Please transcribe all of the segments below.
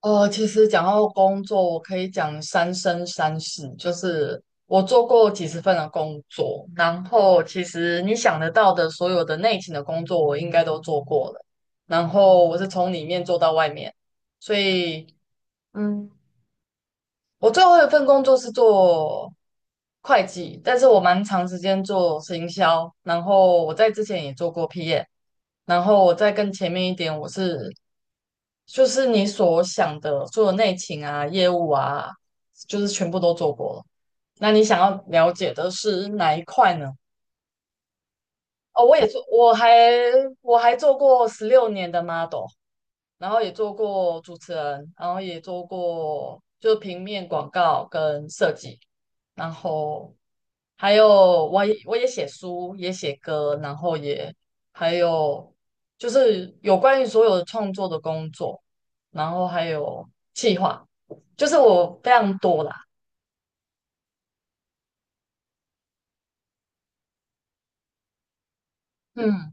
哦，其实讲到工作，我可以讲三生三世，就是我做过几十份的工作，然后其实你想得到的所有的内勤的工作，我应该都做过了。然后我是从里面做到外面，所以嗯，我最后一份工作是做会计，但是我蛮长时间做行销，然后我在之前也做过 PM，然后我再更前面一点，我是就是你所想的所有内勤啊、业务啊，就是全部都做过了。那你想要了解的是哪一块呢？哦，我也做，我还做过16年的 model,然后也做过主持人，然后也做过就平面广告跟设计，然后还有我也写书，也写歌，然后也还有就是有关于所有的创作的工作，然后还有计划，就是我非常多啦。嗯，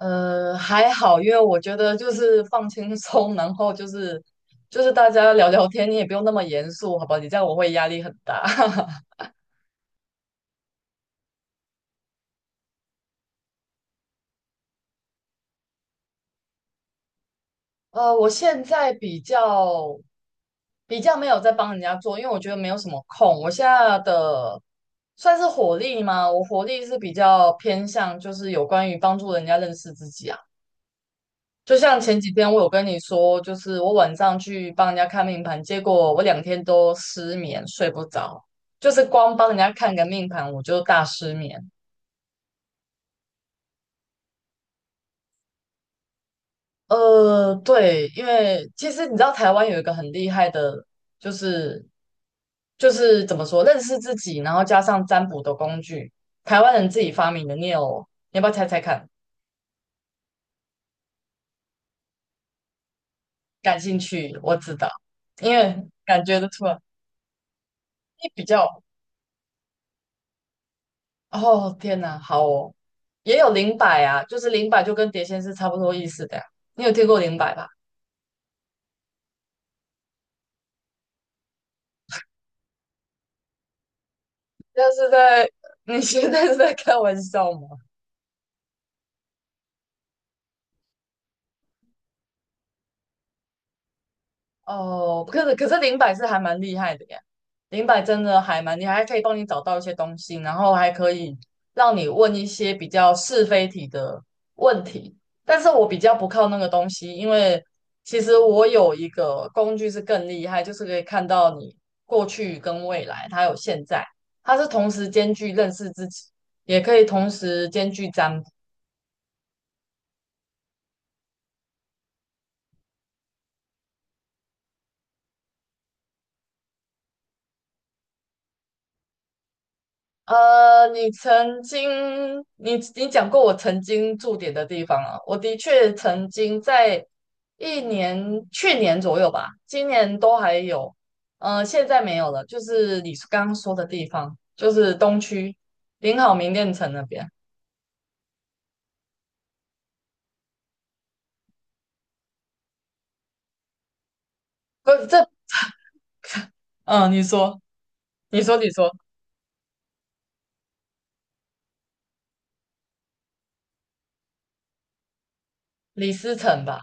还好，因为我觉得就是放轻松，然后就是大家聊聊天，你也不用那么严肃，好吧？你这样我会压力很大。我现在比较没有在帮人家做，因为我觉得没有什么空。我现在的算是火力吗？我火力是比较偏向就是有关于帮助人家认识自己啊。就像前几天我有跟你说，就是我晚上去帮人家看命盘，结果我两天都失眠，睡不着，就是光帮人家看个命盘我就大失眠。对，因为其实你知道台湾有一个很厉害的，就是就是怎么说，认识自己，然后加上占卜的工具，台湾人自己发明的。念哦，你要不要猜猜看？感兴趣，我知道，因为感觉得出来，你比较，哦，天哪，好哦，也有灵摆啊，就是灵摆就跟碟仙是差不多意思的呀。你有听过灵摆吧？但是在 你现在是在开玩笑吗？哦，可是零摆是还蛮厉害的呀，零摆真的还蛮厉害，还可以帮你找到一些东西，然后还可以让你问一些比较是非题的问题。但是我比较不靠那个东西，因为其实我有一个工具是更厉害，就是可以看到你过去跟未来，它有现在，它是同时兼具认识自己，也可以同时兼具占卜。你曾经，你讲过我曾经驻点的地方啊，我的确曾经在一年，去年左右吧，今年都还有，现在没有了，就是你刚刚说的地方，就是东区林好明店城那边，不是这，嗯、你说，你说，你说，李思城吧，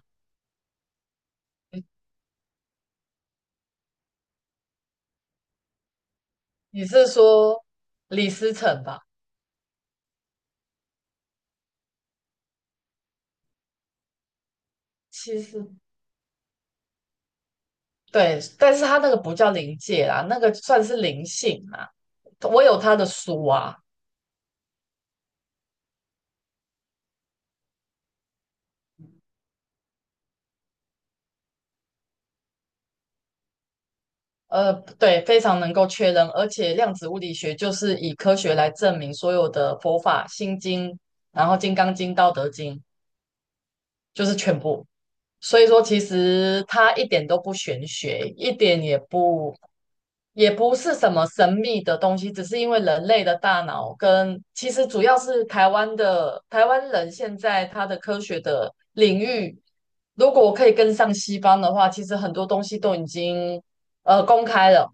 你是说李思城吧？其实。对，但是他那个不叫灵界啦，那个算是灵性啦。我有他的书啊，呃，对，非常能够确认，而且量子物理学就是以科学来证明所有的佛法、心经，然后《金刚经》《道德经》，就是全部。所以说，其实它一点都不玄学，一点也不，也不是什么神秘的东西，只是因为人类的大脑跟其实主要是台湾的台湾人现在他的科学的领域，如果可以跟上西方的话，其实很多东西都已经公开了，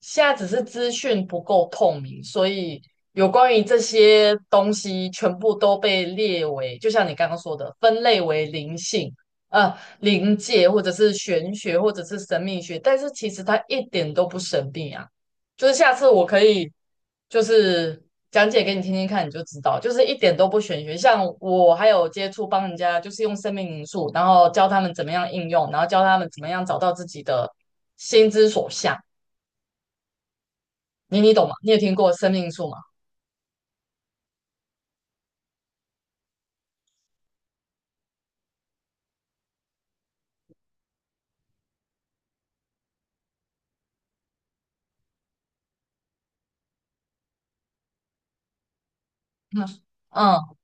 现在只是资讯不够透明，所以有关于这些东西全部都被列为，就像你刚刚说的，分类为灵性。呃，灵界或者是玄学或者是神秘学，但是其实它一点都不神秘啊。就是下次我可以就是讲解给你听听看，你就知道，就是一点都不玄学。像我还有接触帮人家，就是用生命灵数，然后教他们怎么样应用，然后教他们怎么样找到自己的心之所向。你懂吗？你有听过生命灵数吗？嗯嗯。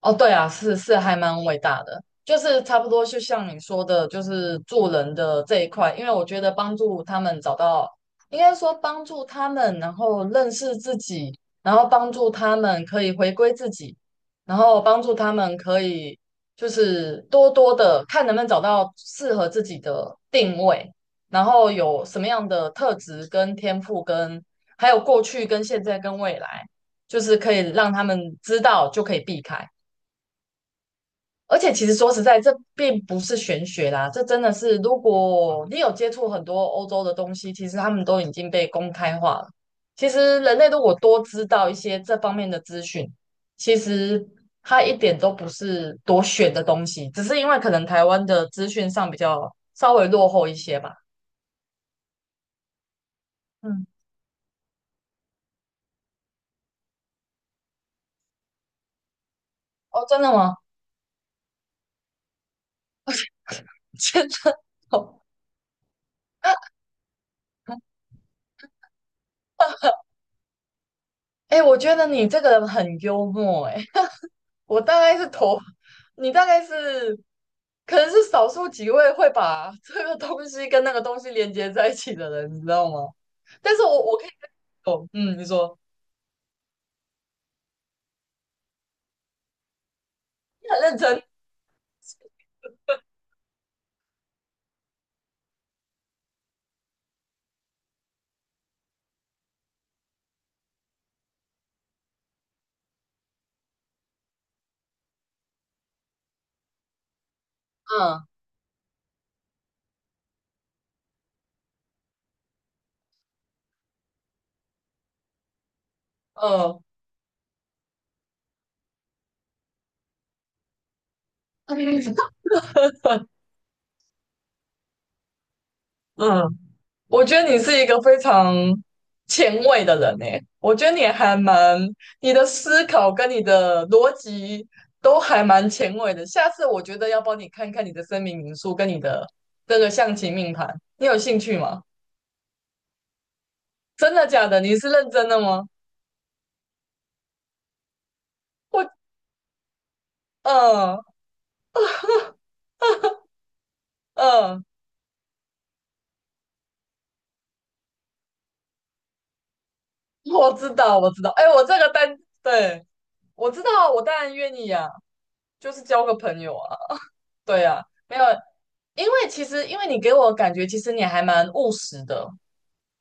哦，对啊，是还蛮伟大的，就是差不多就像你说的，就是做人的这一块，因为我觉得帮助他们找到，应该说帮助他们，然后认识自己，然后帮助他们可以回归自己，然后帮助他们可以就是多多的看能不能找到适合自己的定位，然后有什么样的特质跟天赋跟，还有过去跟现在跟未来，就是可以让他们知道就可以避开。而且其实说实在，这并不是玄学啦，这真的是，如果你有接触很多欧洲的东西，其实他们都已经被公开化了。其实人类如果多知道一些这方面的资讯，其实它一点都不是多玄的东西，只是因为可能台湾的资讯上比较稍微落后一些吧。嗯，哦，真的吗？真的哦，哎，我觉得你这个人很幽默，哎。我大概是头，你大概是可能是少数几位会把 这个东西跟那个东西连接在一起的人，你知道吗？但是我可以懂，嗯，你说你很认真，嗯嗯 嗯，我觉得你是一个非常前卫的人诶，我觉得你还蛮，你的思考跟你的逻辑都还蛮前卫的。下次我觉得要帮你看看你的声明民宿跟你的这个象棋命盘，你有兴趣吗？真的假的？你是认真的吗？我，嗯嗯，我知道，我知道。哎，我这个单，对，我知道，我当然愿意呀、就是交个朋友啊，对呀、没有，因为其实，因为你给我感觉，其实你还蛮务实的，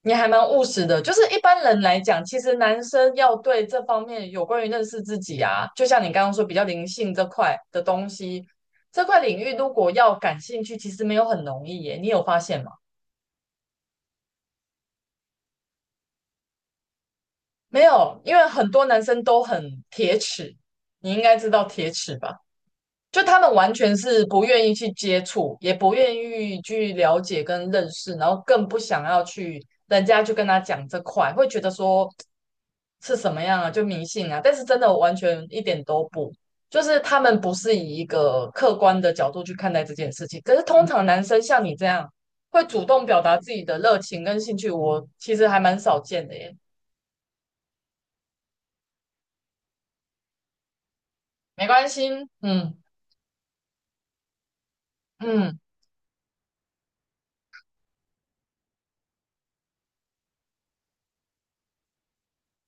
你还蛮务实的。就是一般人来讲，其实男生要对这方面有关于认识自己啊，就像你刚刚说比较灵性这块的东西，这块领域如果要感兴趣，其实没有很容易耶。你有发现吗？没有，因为很多男生都很铁齿，你应该知道铁齿吧？就他们完全是不愿意去接触，也不愿意去了解跟认识，然后更不想要去人家去跟他讲这块，会觉得说是什么样啊，就迷信啊。但是真的完全一点都不，就是他们不是以一个客观的角度去看待这件事情。可是通常男生像你这样会主动表达自己的热情跟兴趣，我其实还蛮少见的耶。没关系，嗯。嗯，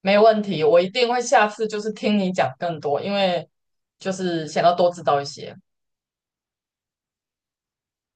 没问题，我一定会下次就是听你讲更多，因为就是想要多知道一些。